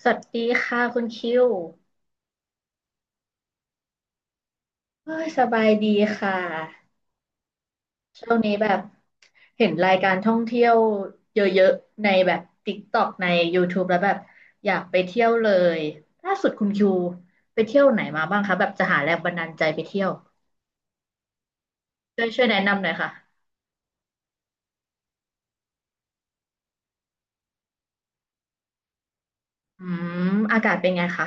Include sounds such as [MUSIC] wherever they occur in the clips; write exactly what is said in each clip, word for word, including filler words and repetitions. สวัสดีค่ะคุณคิวเอ้ยสบายดีค่ะช่วงนี้แบบเห็นรายการท่องเที่ยวเยอะๆในแบบ TikTok ใน YouTube แล้วแบบอยากไปเที่ยวเลยล่าสุดคุณคิวไปเที่ยวไหนมาบ้างคะแบบจะหาแรงบันดาลใจไปเที่ยวช่วยช่วยแนะนำหน่อยค่ะอืมอากาศเป็นไงคะ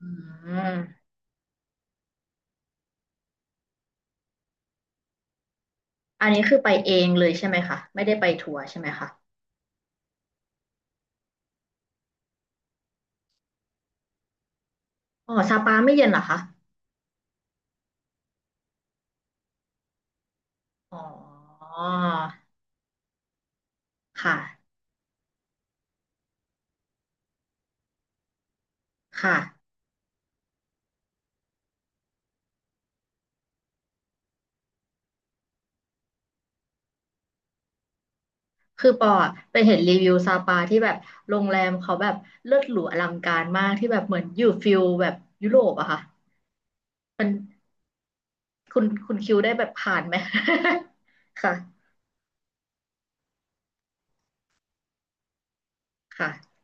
อืมอันนี้คือไปเองเลยใช่ไหมคะไม่ได้ไปทัวร์ใช่ไหมคะอ๋อซาปาไม่เย็นเหรอคะอ๋อค่ะค่ะ คือปออะไปเห็นรีวิวซาปาที่แบบโรงแรมเขาแบบเลิศหรูอลังการมากที่แบบเหมือนอยู่ฟิลแบบยุโรปอะค่ะมันคุณคุณคิวได้แบบผ่านไหม [LAUGHS] ค่ะค่ะ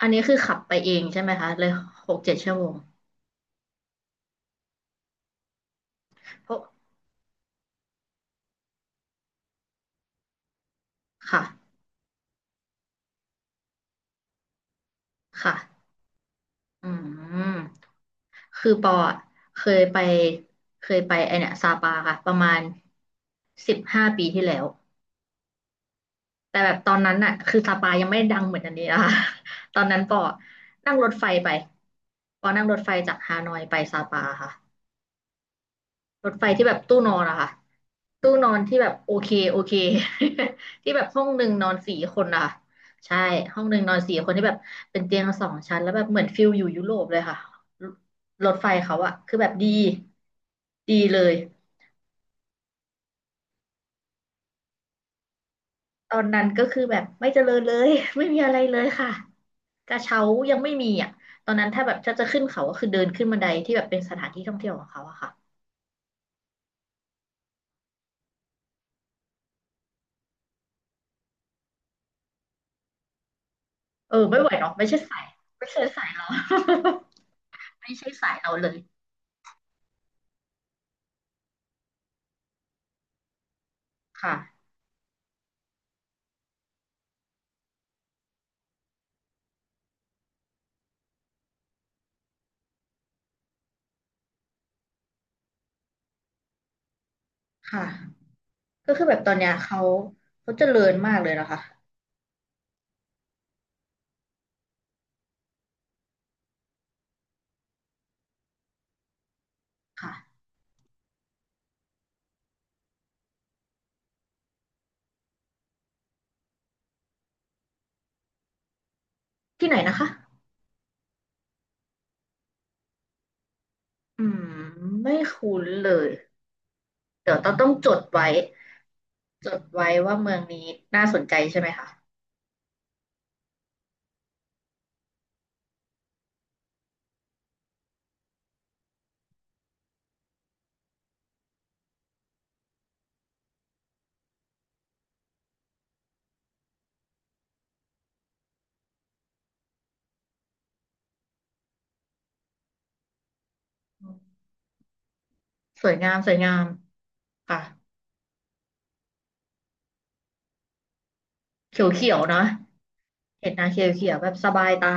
อันนี้คือขับไปเองใช่ไหมคะเลยหกเจ็ดชั่วโมงเพราะค่ะค่ะอืมคือปออะเคยไปเคยไปไอเนี่ยซาปาค่ะประมาณสิบห้าปีที่แล้ว แต่แบบตอนนั้นน่ะคือสปายังไม่ดังเหมือนอันนี้นะคะ [LAUGHS] ตอนนั้นปอนั่งรถไฟไปปอนั่งรถไฟจากฮานอยไปซาปาค่ะรถไฟที่แบบตู้นอนอะค่ะตู้นอนที่แบบโอเคโอเค [LAUGHS] ที่แบบห้องหนึ่งนอนสี่คนอะค่ะใช่ห้องหนึ่งนอนสี่คนที่แบบเป็นเตียงสองชั้นแล้วแบบเหมือนฟิลอยู่ยุโรปเลยค่ะรรถไฟเขาอะคือแบบดีดีเลย ตอนนั้นก็คือแบบไม่เจริญเลย [LAUGHS] ไม่มีอะไรเลยค่ะกระเช้ายังไม่มีอ่ะตอนนั้นถ้าแบบจะจะขึ้นเขาก็คือเดินขึ้นบันไดที่แบบเป็นสถานที่ท่องเที่ยวของเขาอะค่ะเออไม่ไหวเนาะไม่ใช่สายไม่ใช่สายเรา [LAUGHS] ไม่ใช่สายเราเลยค่ะค่ะก็คือแบบตอนเนี้ยเขาเขาเจริญมากเลยนะคะค่ะที่ไหนนะคะอืมไม่คุ้นเลยเดี๋ยวต้องต้องจดไว้จดไว้ว่าเมืองนี้น่าสนใจใช่ไหมคะอืมสวยงามสวยงามค่ะ เขียวๆเนาะเห็ดนางเขียวๆแบบสบายตา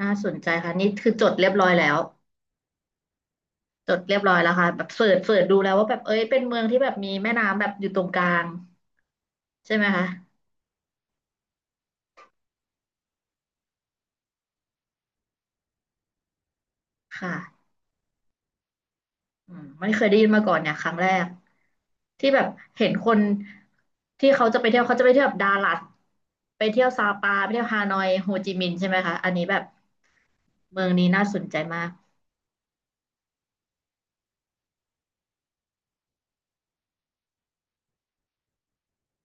น่าสนใจค่ะนี่คือจดเรียบร้อยแล้วจดเรียบร้อยแล้วค่ะแบบเสิร์ชเสิร์ชดูแล้วว่าแบบเอ้ยเป็นเมืองที่แบบมีแม่น้ำแบบอยู่ตรงกลางใช่ไหมคะค่ะอืมไม่เคยได้ยินมาก่อนเนี่ยครั้งแรกที่แบบเห็นคนที่เขาจะไปเที่ยวเขาจะไปเที่ยวแบบดาลัดไปเที่ยวซาปาไปเที่ยวฮานอยโฮจิมินห์ใช่ไหมคะอันนี้แบบเมืองนี้น่าสนใจมาก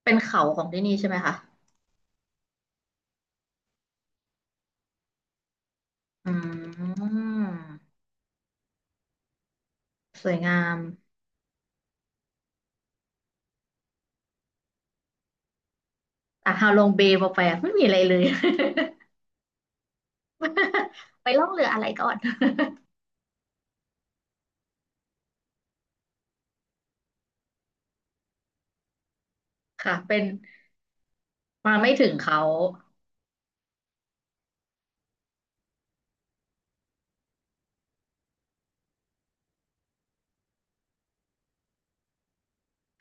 เป็นเขาของที่นี่ใช่ไหมคะอืมสวยงาม อ่ะฮาลงเบย์พอไปอะไม่มีอะไรเลย [LAUGHS] ไปล่องเรืออะไรก่อนค่ะเป็นมาไม่ถึงเขา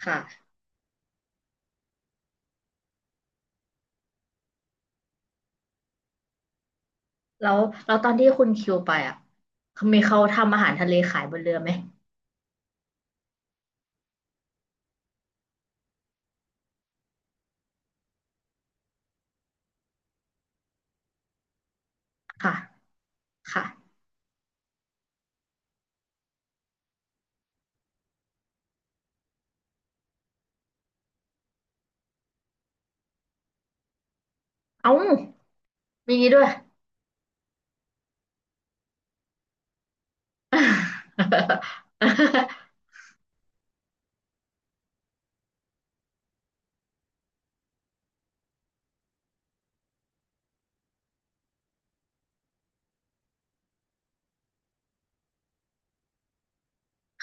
ค่ะแล้วแล้วตอนที่คุณคิวไปอ่ะมีเขาทำอาหารทะเลขายบนเรือไหมค่ะค่ะเอ้ามีด้วย [LAUGHS]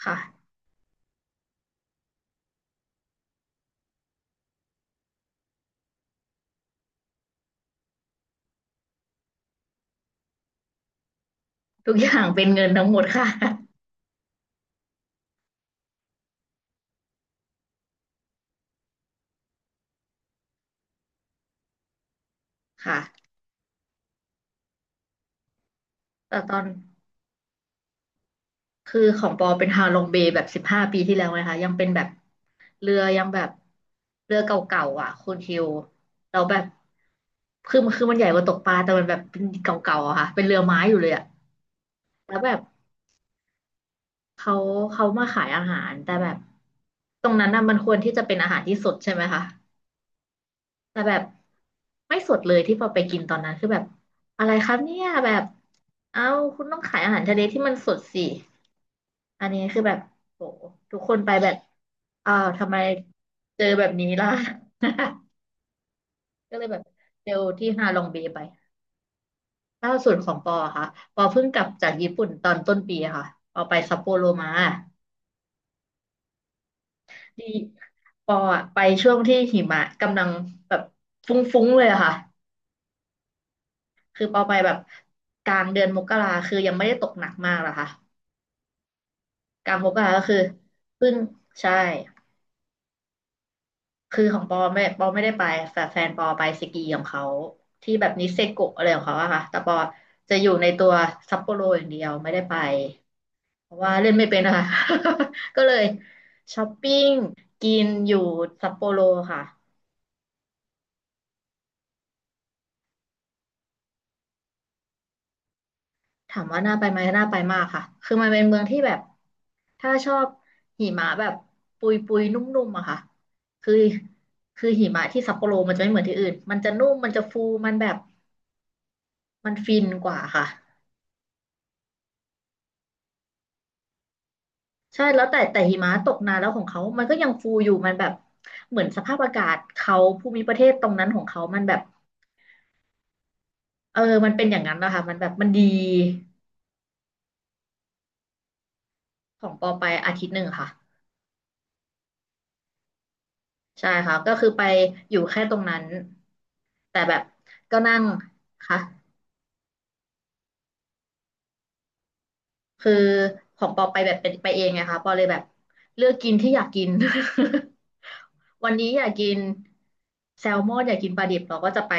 ค่ะทุกอย่างเป็นเงินทั้งหมดค่ะค่ะแต่ตอนคือของปอเป็นฮาลองเบย์แบบสิบห้าปีที่แล้วนะคะยังเป็นแบบ เรือยังแบบเรือเก่าๆอ่ะคุณคิวเราแบบคือมันคือมันใหญ่กว่าตกปลาแต่มันแบบเป็นเก่าๆอะค่ะเป็นเรือไม้อยู่เลยอ่ะแล้วแบบเขาเขามาขายอาหารแต่แบบตรงนั้นน่ะมันควรที่จะเป็นอาหารที่สดใช่ไหมคะแต่แบบไม่สดเลยที่พอไปกินตอนนั้นคือแบบอะไรครับเนี่ยแบบเอ้าคุณต้องขายอาหารทะเลที่มันสดสิอันนี้คือแบบโหทุกคนไปแบบอ้าวทำไมเจอแบบนี้ล่ะ [LAUGHS] ก็เลยแบบเร็วที่ฮาลองเบไปล่าสุดของปอค่ะปอเพิ่งกลับจากญี่ปุ่นตอนต้นปีค่ะปอไปซัปโปโรมาดีปออะไปช่วงที่หิมะกำลังแบบฟุ้งๆเลยอะค่ะคือปอไปแบบกลางเดือนมกราคือยังไม่ได้ตกหนักมากหรอกค่ะกลางมกราก็คือเพิ่งใช่คือของปอไม่ปอไม่ได้ไปแต่แฟนปอไปสกีของเขาที่แบบนิเซโกะอะไรของเขาอะค่ะแต่ปอจะอยู่ในตัวซัปโปโรอย่างเดียวไม่ได้ไป เพราะว่าเล่นไม่เป็นนะคะ [LAUGHS] ก็เลยช้อปปิ้งกินอยู่ซัปโปโรค่ะถามว่าน่าไปไหมน่าไปมากค่ะคือมันเป็นเมืองที่แบบถ้าชอบหิมะแบบปุยปุยนุ่มๆอะค่ะคือคือหิมะที่ซัปโปโรมันจะไม่เหมือนที่อื่นมันจะนุ่มมันจะฟูมันแบบมันฟินกว่าค่ะใช่แล้วแต่แต่หิมะตกนานแล้วของเขามันก็ยังฟูอยู่มันแบบเหมือนสภาพอากาศเขาภูมิประเทศตรงนั้นของเขามันแบบเออมันเป็นอย่างนั้นนะคะมันแบบมันดี ของปอไปอาทิตย์หนึ่งค่ะใช่ค่ะก็คือไปอยู่แค่ตรงนั้นแต่แบบก็นั่งค่ะคือของปอไปแบบเป็นไปเองไงคะปอเลยแบบเลือกกินที่อยากกิน [LAUGHS] วันนี้อยากกินแซลมอนอยากกินปลาดิบเราก็จะไป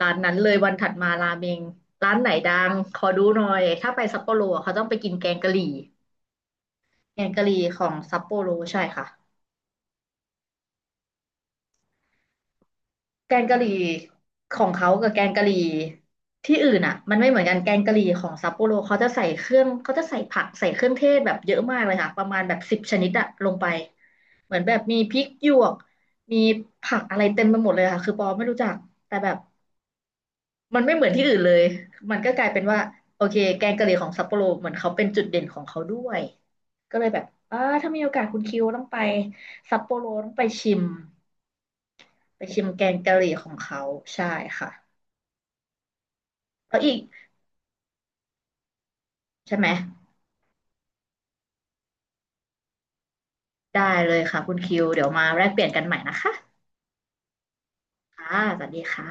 ร้านนั้นเลยวันถัดมาราเมงร้านไหนดังขอดูหน่อยถ้าไปซัปโปโรอะเขาต้องไปกินแกงกะหรี่แกงกะหรี่ของซัปโปโรใช่ค่ะ แกงกะหรี่ของเขากับแกงกะหรี่ที่อื่นอ่ะมันไม่เหมือนกันแกงกะหรี่ของซัปโปโรเขาจะใส่เครื่องเขาจะใส่ผักใส่เครื่องเทศแบบเยอะมากเลยค่ะประมาณแบบสิบชนิดอะลงไปเหมือนแบบมีพริกหยวกมีผักอะไรเต็มไปหมดเลยค่ะคือปอไม่รู้จักแต่แบบมันไม่เหมือนที่อื่นเลยมันก็กลายเป็นว่าโอเคแกงกะหรี่ของซัปโปโรเหมือนเขาเป็นจุดเด่นของเขาด้วยก็เลยแบบอ่าถ้ามีโอกาสคุณคิวต้องไปซัปโปโรต้องไปชิมไปชิมแกงกะหรี่ของเขาใช่ค่ะ แล้วอีกใช่ไหมได้เลยค่ะคุณคิวเดี๋ยวมาแลกเปลี่ยนกันใหม่นะคะค่ะสวัสดีค่ะ